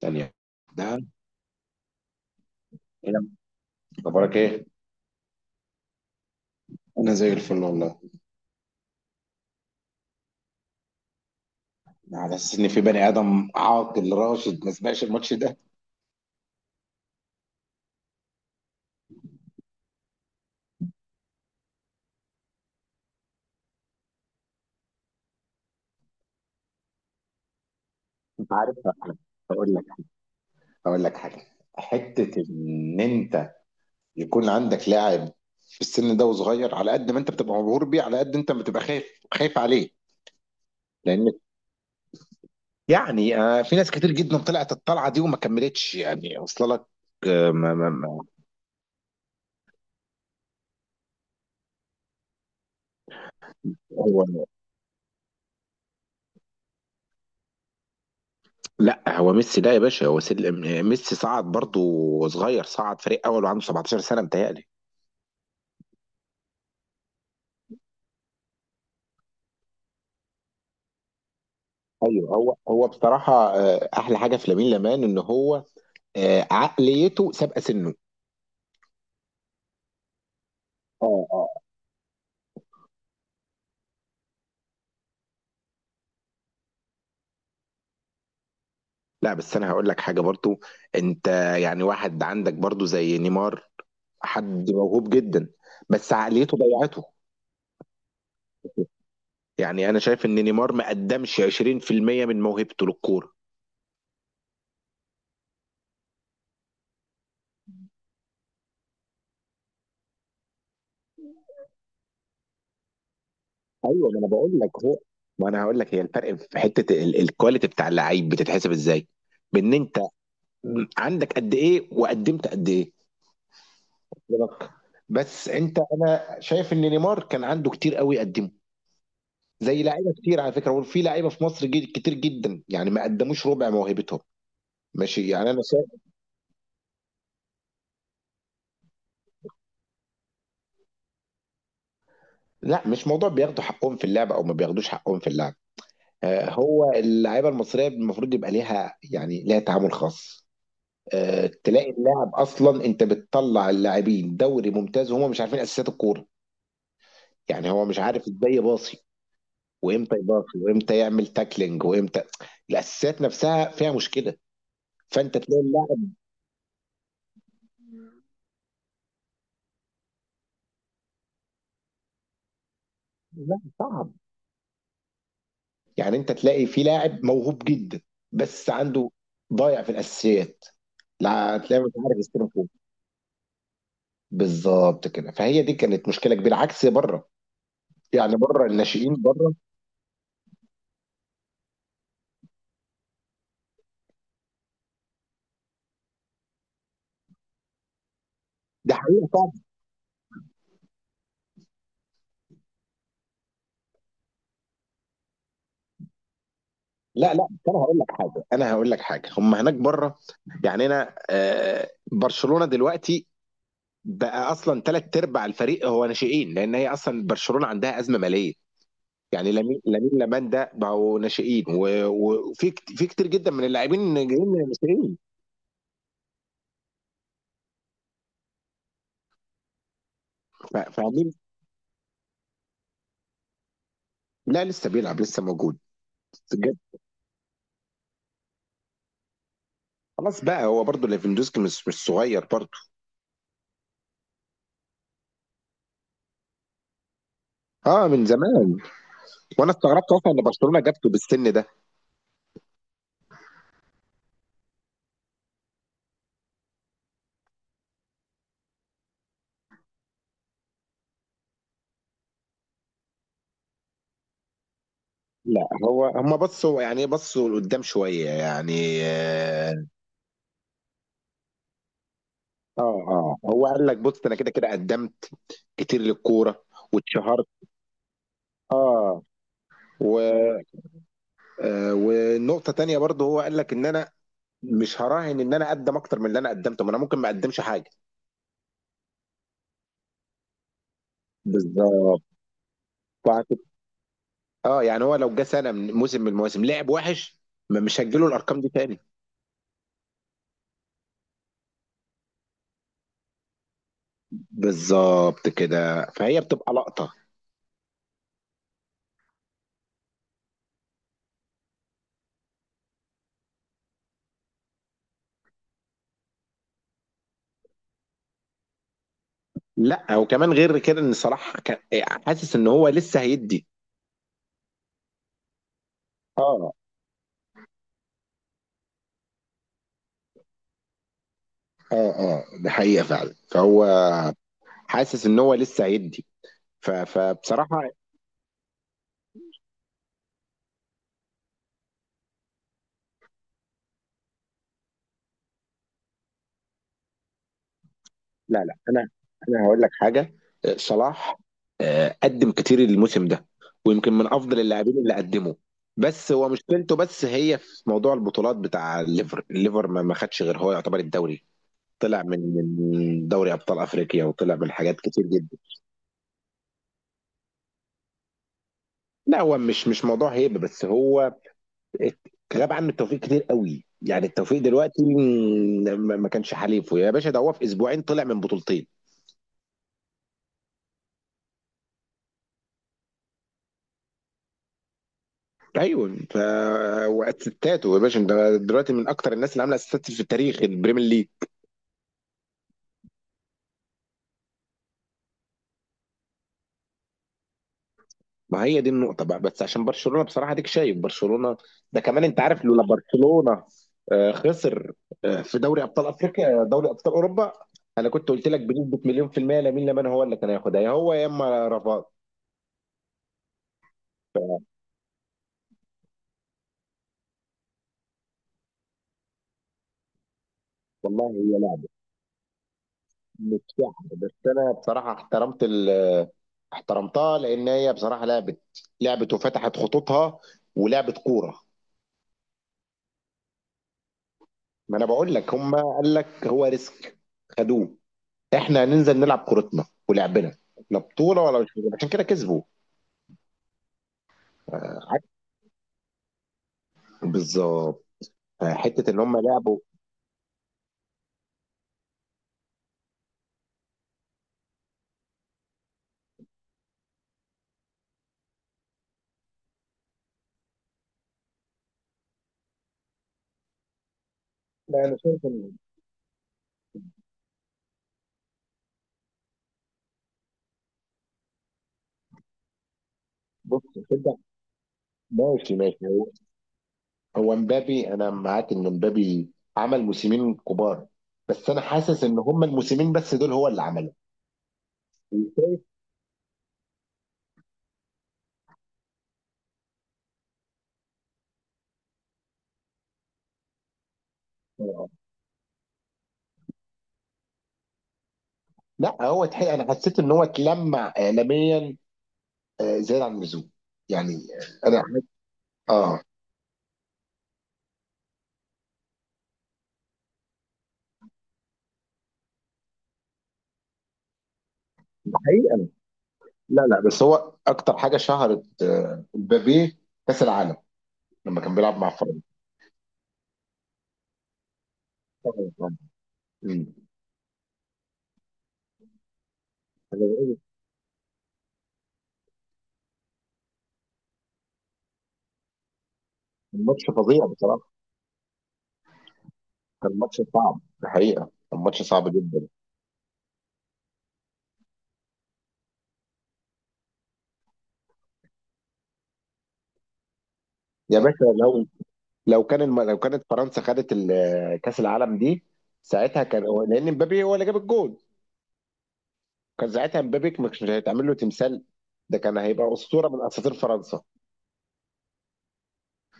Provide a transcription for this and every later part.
ثانية ده إيه يا عم؟ اخبارك ايه؟ انا زي الفل والله. على اساس ان في بني ادم عاقل راشد ما سمعش الماتش ده. انت عارف أنا، هقول لك هقول لك حاجة. حتة ان انت يكون عندك لاعب في السن ده وصغير، على قد ما انت بتبقى مبهور بيه على قد انت بتبقى خايف، خايف عليه. لان يعني في ناس كتير جدا طلعت الطلعة دي وما كملتش، يعني وصل لك. ما. هو لا هو ميسي ده يا باشا، ميسي صعد برضو صغير، صعد فريق اول وعنده 17 سنه متهيألي. ايوه، هو بصراحه احلى حاجه في لامين يامال ان هو عقليته سابقه سنه. اه، اه. لا بس انا هقول لك حاجه برضو. انت يعني واحد عندك برضو زي نيمار، حد موهوب جدا بس عقليته ضيعته. يعني انا شايف ان نيمار ما قدمش 20% من موهبته للكوره. ايوه، ما انا بقول لك هو، ما انا هقول لك، هي الفرق في حته ال- الكواليتي بتاع اللعيب بتتحسب ازاي؟ بان انت عندك قد ايه وقدمت قد ايه. بالظبط. بس انا شايف ان نيمار كان عنده كتير قوي يقدمه، زي لعيبه كتير على فكره، وفي لعيبه في مصر جد كتير جدا يعني ما قدموش ربع موهبتهم. ماشي، يعني انا شايف. لا، مش موضوع بياخدوا حقهم في اللعب او ما بياخدوش حقهم في اللعب. هو اللعيبه المصريه المفروض يبقى ليها، يعني ليها تعامل خاص. تلاقي اللاعب اصلا انت بتطلع اللاعبين دوري ممتاز وهم مش عارفين اساسيات الكوره. يعني هو مش عارف ازاي يباصي وامتى يباصي وامتى يعمل تاكلينج وامتى. الاساسيات نفسها فيها مشكله. فانت تلاقي اللاعب. لا، صعب. يعني انت تلاقي في لاعب موهوب جدا بس عنده، ضايع في الاساسيات. لا، تلاقي مش عارف يستلم فوق. بالظبط كده، فهي دي كانت مشكله كبيره عكس بره. يعني بره الناشئين بره. ده حقيقه. لا لا، بس انا هقول لك حاجه، هم هناك بره. يعني انا برشلونه دلوقتي بقى اصلا ثلاث ارباع الفريق هو ناشئين، لان هي اصلا برشلونه عندها ازمه ماليه. يعني لامين لامال ده بقوا ناشئين و- و- وفي كت- في كتير جدا من اللاعبين جايين ناشئين. فاهمين. لا لسه بيلعب، لسه موجود. بجد. خلاص بقى هو برضه ليفاندوسكي مش صغير برضه. اه، من زمان. وانا استغربت اصلا ان برشلونه جابته بالسن ده. لا هو هم بصوا، يعني إيه، بصوا لقدام شويه يعني. اه. اه هو قال لك بص انا كده كده قدمت كتير للكوره واتشهرت. اه. و آه والنقطه تانية برضه، هو قال لك ان انا مش هراهن ان انا اقدم اكتر من اللي انا قدمته، ما انا ممكن ما اقدمش حاجه. بالظبط. فهت- اه، يعني هو لو جه سنه من موسم من المواسم لعب وحش، ما مش هتجيله الارقام دي تاني. بالظبط كده، فهي بتبقى لقطه. لا وكمان غير كده ان صلاح كان حاسس ان هو لسه هيدي. اه، اه، اه، ده حقيقة فعلا، فهو حاسس ان هو لسه هيدي. فبصراحة. لا لا، انا هقول لك حاجة. صلاح قدم كتير الموسم ده، ويمكن من افضل اللاعبين اللي قدمه. بس هو مشكلته، بس هي في موضوع البطولات بتاع الليفر، ما خدش غير هو يعتبر الدوري. طلع من دوري ابطال افريقيا، وطلع من حاجات كتير جدا. لا هو، مش موضوع هيبه، بس هو الكلام عنه التوفيق كتير قوي. يعني التوفيق دلوقتي ما كانش حليفه يا باشا، ده هو في اسبوعين طلع من بطولتين. ايوه، ف، واسيستاته يا باشا ده دلوقتي من اكتر الناس اللي عامله اسيستات في التاريخ البريمير ليج. ما هي دي النقطه بقى، بس عشان برشلونه بصراحه ديك، شايف برشلونه؟ ده كمان انت عارف لولا برشلونه خسر في دوري ابطال افريقيا، دوري ابطال اوروبا. انا كنت قلت لك بنسبه مليون في الميه لامين يامال هو اللي كان هياخدها، يا هو يا اما رافات. والله. مش شعر، بس انا بصراحه احترمتها لان هي بصراحه لعبت، لعبت وفتحت خطوطها ولعبت كوره. ما انا بقول لك، هم قال لك هو ريسك، خدوه. احنا هننزل نلعب كورتنا ولعبنا، لا بطوله ولا مش بطولة. عشان كده كسبوا. بالظبط. حته ان هم لعبوا. لا انا شايف ان، بص كده. ماشي ماشي، هو مبابي، انا معاك ان مبابي عمل موسمين كبار، بس انا حاسس ان هم الموسمين بس دول هو اللي عملهم. آه. لا هو تحقيق، انا حسيت ان هو اتلمع اعلاميا زيادة عن اللزوم. يعني انا، اه، ده حقيقة. لا لا بس هو اكتر حاجة شهرت مبابي، كاس العالم لما كان بيلعب مع فرنسا. آه. مم. أنا بقول، كان ماتش فظيع بصراحة. كان ماتش صعب، ده حقيقة كان ماتش صعب جدا. يا باشا، لو كان لو كانت فرنسا خدت كاس العالم دي، ساعتها كان لان مبابي هو اللي جاب الجول، كان ساعتها مبابي مش هيتعمل له تمثال، ده كان هيبقى اسطوره من اساطير فرنسا.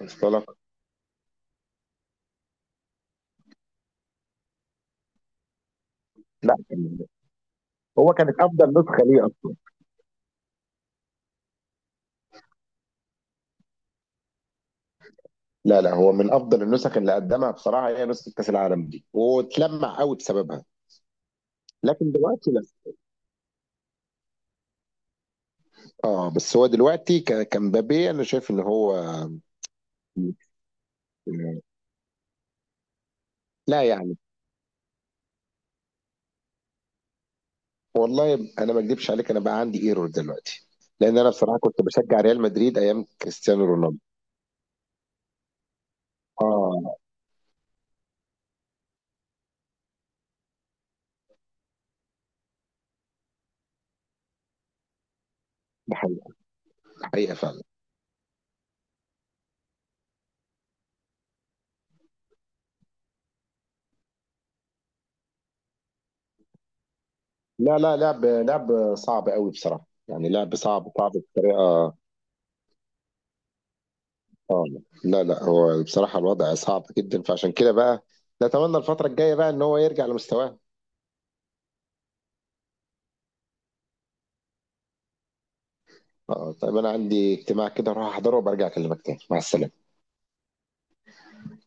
وصل لك؟ لا كان، هو كانت افضل نسخه ليه اصلا. لا لا، هو من افضل النسخ اللي قدمها بصراحه هي نسخه كاس العالم دي، واتلمع قوي بسببها. لكن دلوقتي لا. اه، بس هو دلوقتي كمبابي انا شايف ان هو. لا يعني والله، انا ما اكذبش عليك، انا بقى عندي ايرور دلوقتي. لان انا بصراحه كنت بشجع ريال مدريد ايام كريستيانو رونالدو. اه، ده حقيقه. ده حقيقه فعلا. لا لا، لعب، لعب صعب قوي بصراحة، يعني لعب صعب، صعب بطريقة. اه. لا لا هو بصراحة الوضع صعب جدا، فعشان كده بقى نتمنى الفترة الجاية بقى ان هو يرجع لمستواه. اه طيب، انا عندي اجتماع كده اروح احضره، وبرجع اكلمك تاني. مع السلامة.